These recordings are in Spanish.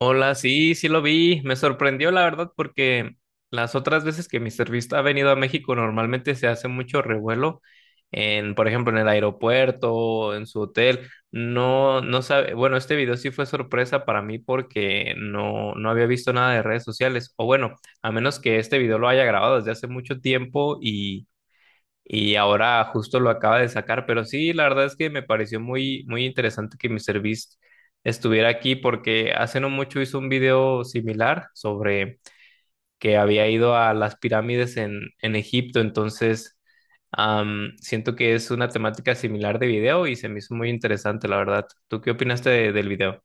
Hola, sí, sí lo vi. Me sorprendió, la verdad, porque las otras veces que Mister Beast ha venido a México, normalmente se hace mucho revuelo en, por ejemplo, en el aeropuerto, en su hotel. No, no sabe. Bueno, este video sí fue sorpresa para mí porque no, no había visto nada de redes sociales. O bueno, a menos que este video lo haya grabado desde hace mucho tiempo y ahora justo lo acaba de sacar, pero sí, la verdad es que me pareció muy, muy interesante que Mr. Beast estuviera aquí porque hace no mucho hizo un video similar sobre que había ido a las pirámides en, Egipto, entonces siento que es una temática similar de video y se me hizo muy interesante, la verdad. ¿Tú qué opinaste del video?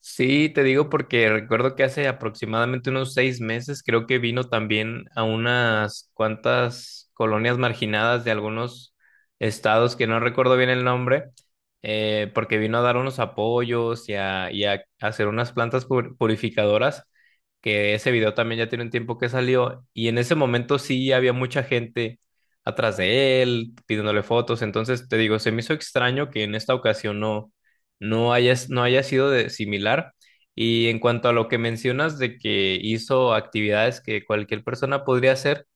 Sí, te digo porque recuerdo que hace aproximadamente unos 6 meses creo que vino también a unas cuantas colonias marginadas de algunos estados que no recuerdo bien el nombre, porque vino a dar unos apoyos y a, hacer unas plantas purificadoras, que ese video también ya tiene un tiempo que salió y en ese momento sí había mucha gente atrás de él pidiéndole fotos, entonces te digo, se me hizo extraño que en esta ocasión no haya sido similar. Y en cuanto a lo que mencionas de que hizo actividades que cualquier persona podría hacer,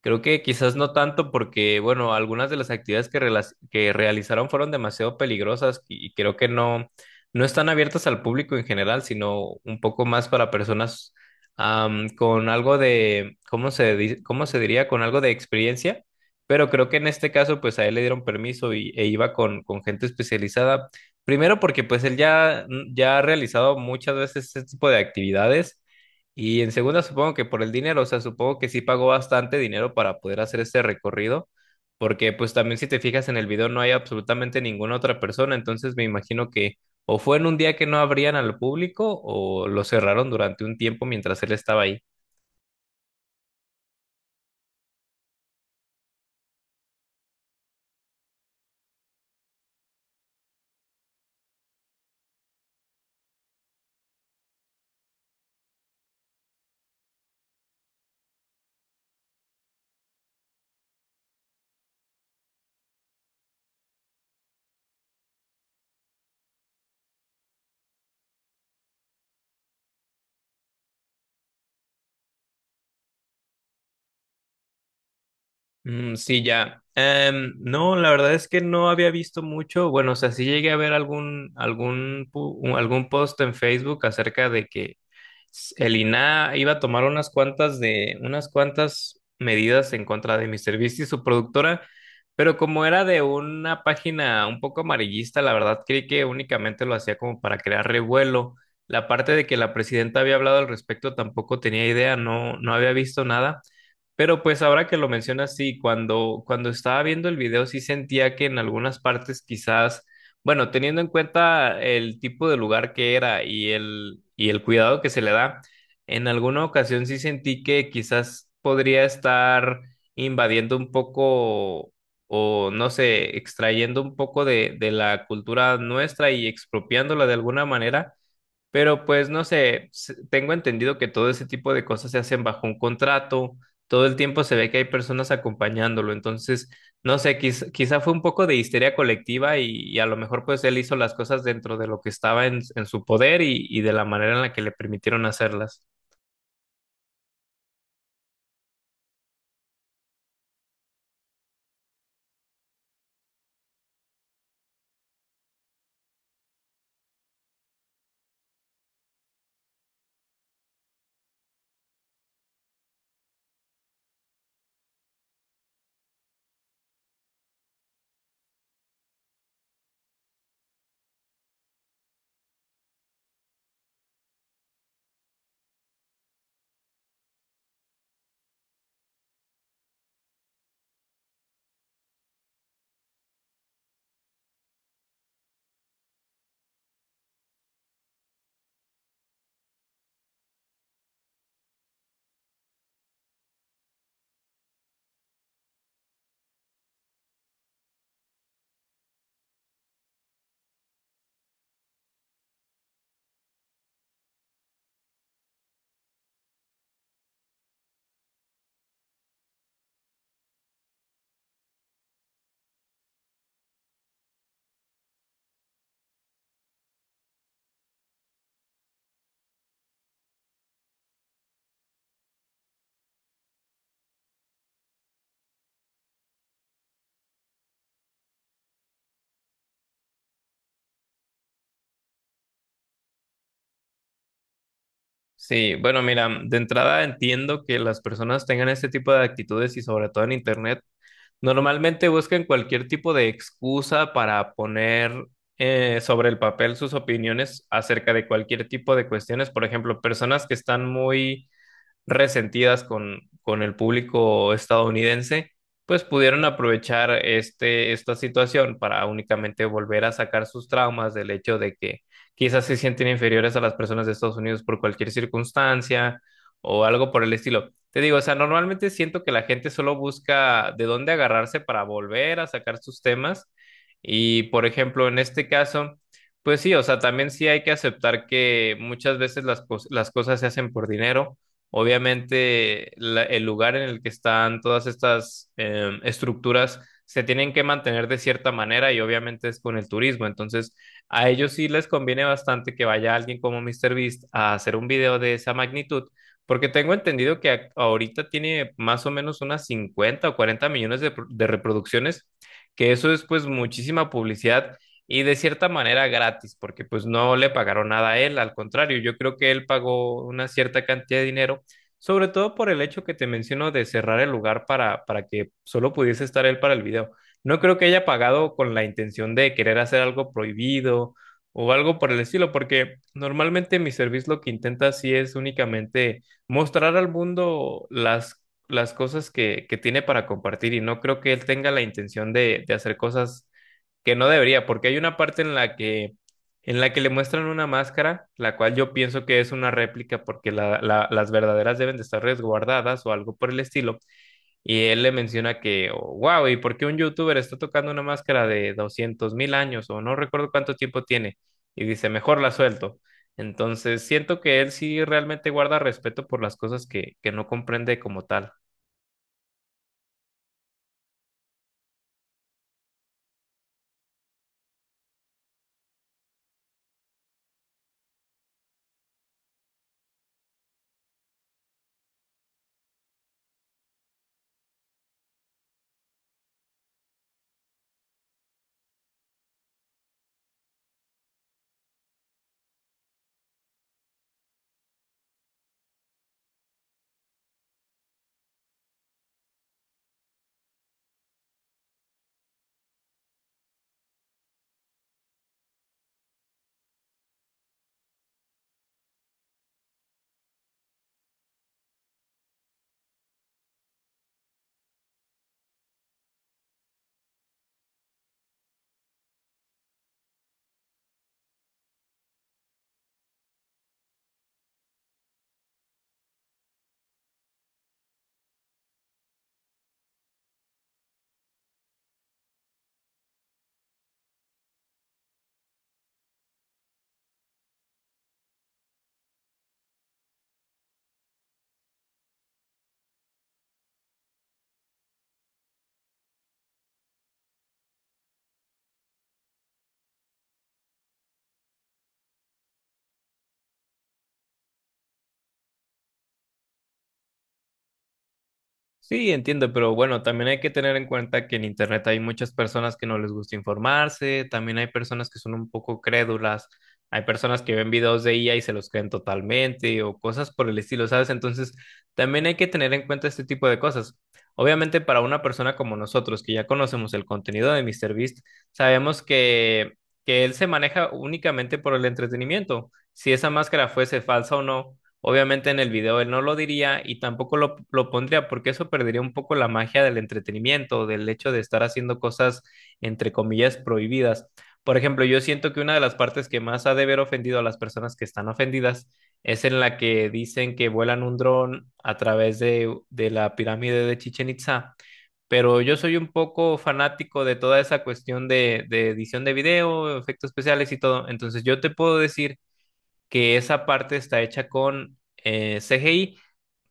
creo que quizás no tanto porque, bueno, algunas de las actividades que realizaron fueron demasiado peligrosas y creo que no, no están abiertas al público en general, sino un poco más para personas con algo de, cómo se diría? Con algo de experiencia, pero creo que en este caso, pues a él le dieron permiso e iba con gente especializada. Primero porque pues él ya ha realizado muchas veces este tipo de actividades. Y en segunda, supongo que por el dinero, o sea, supongo que sí pagó bastante dinero para poder hacer este recorrido, porque pues también si te fijas en el video no hay absolutamente ninguna otra persona, entonces me imagino que o fue en un día que no abrían al público o lo cerraron durante un tiempo mientras él estaba ahí. Mm, sí, ya. No, la verdad es que no había visto mucho. Bueno, o sea, sí llegué a ver algún post en Facebook acerca de que el INAH iba a tomar unas cuantas medidas en contra de MrBeast y su productora, pero como era de una página un poco amarillista, la verdad creí que únicamente lo hacía como para crear revuelo. La parte de que la presidenta había hablado al respecto tampoco tenía idea, no, no había visto nada. Pero pues ahora que lo mencionas, sí, cuando estaba viendo el video sí sentía que en algunas partes quizás, bueno, teniendo en cuenta el tipo de lugar que era y el cuidado que se le da, en alguna ocasión sí sentí que quizás podría estar invadiendo un poco o no sé, extrayendo un poco de la cultura nuestra y expropiándola de alguna manera, pero pues no sé, tengo entendido que todo ese tipo de cosas se hacen bajo un contrato, todo el tiempo se ve que hay personas acompañándolo, entonces no sé, quizá fue un poco de histeria colectiva y a lo mejor pues él hizo las cosas dentro de lo que estaba en su poder y de la manera en la que le permitieron hacerlas. Sí, bueno, mira, de entrada entiendo que las personas tengan este tipo de actitudes y sobre todo en internet. Normalmente buscan cualquier tipo de excusa para poner sobre el papel sus opiniones acerca de cualquier tipo de cuestiones. Por ejemplo, personas que están muy resentidas con el público estadounidense, pues pudieron aprovechar esta situación para únicamente volver a sacar sus traumas del hecho de que quizás se sienten inferiores a las personas de Estados Unidos por cualquier circunstancia o algo por el estilo. Te digo, o sea, normalmente siento que la gente solo busca de dónde agarrarse para volver a sacar sus temas y, por ejemplo, en este caso... Pues sí, o sea, también sí hay que aceptar que muchas veces las cosas se hacen por dinero. Obviamente, el lugar en el que están todas estas estructuras se tienen que mantener de cierta manera y obviamente es con el turismo. Entonces, a ellos sí les conviene bastante que vaya alguien como míster Beast a hacer un video de esa magnitud, porque tengo entendido que ahorita tiene más o menos unas 50 o 40 millones de reproducciones, que eso es pues muchísima publicidad y de cierta manera gratis, porque pues no le pagaron nada a él, al contrario, yo creo que él pagó una cierta cantidad de dinero sobre todo por el hecho que te menciono de cerrar el lugar para, que solo pudiese estar él para el video. No creo que haya pagado con la intención de querer hacer algo prohibido o algo por el estilo, porque normalmente mi servicio lo que intenta así es únicamente mostrar al mundo las, cosas que tiene para compartir y no creo que él tenga la intención de hacer cosas que no debería, porque hay una parte en la que le muestran una máscara, la cual yo pienso que es una réplica porque las verdaderas deben de estar resguardadas o algo por el estilo. Y él le menciona que, wow, ¿y por qué un youtuber está tocando una máscara de 200.000 años o no recuerdo cuánto tiempo tiene? Y dice, mejor la suelto. Entonces siento que él sí realmente guarda respeto por las cosas que no comprende como tal. Sí, entiendo, pero bueno, también hay que tener en cuenta que en Internet hay muchas personas que no les gusta informarse, también hay personas que son un poco crédulas, hay personas que ven videos de IA y se los creen totalmente o cosas por el estilo, ¿sabes? Entonces, también hay que tener en cuenta este tipo de cosas. Obviamente, para una persona como nosotros, que ya conocemos el contenido de MrBeast, sabemos que él se maneja únicamente por el entretenimiento. Si esa máscara fuese falsa o no. Obviamente en el video él no lo diría y tampoco lo pondría porque eso perdería un poco la magia del entretenimiento, del hecho de estar haciendo cosas entre comillas prohibidas. Por ejemplo, yo siento que una de las partes que más ha de haber ofendido a las personas que están ofendidas es en la que dicen que vuelan un dron a través de la pirámide de Chichen Itza, pero yo soy un poco fanático de toda esa cuestión de edición de video, efectos especiales y todo. Entonces yo te puedo decir que esa parte está hecha con CGI,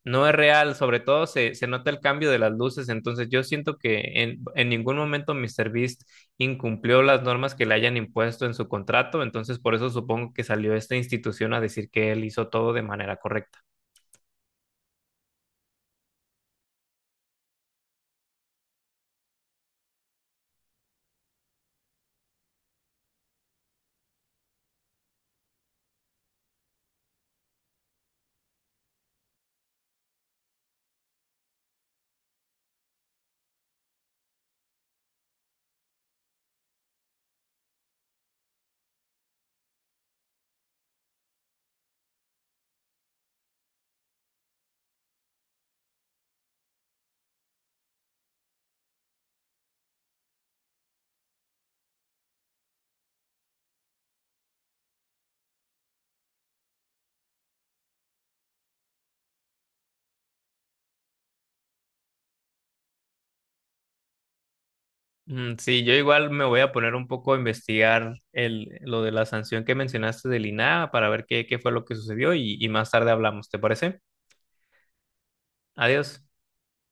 no es real, sobre todo se nota el cambio de las luces, entonces yo siento que en ningún momento MrBeast incumplió las normas que le hayan impuesto en su contrato, entonces por eso supongo que salió esta institución a decir que él hizo todo de manera correcta. Mm, sí, yo igual me voy a poner un poco a investigar lo de la sanción que mencionaste del INAH para ver qué fue lo que sucedió y más tarde hablamos, ¿te parece? Adiós.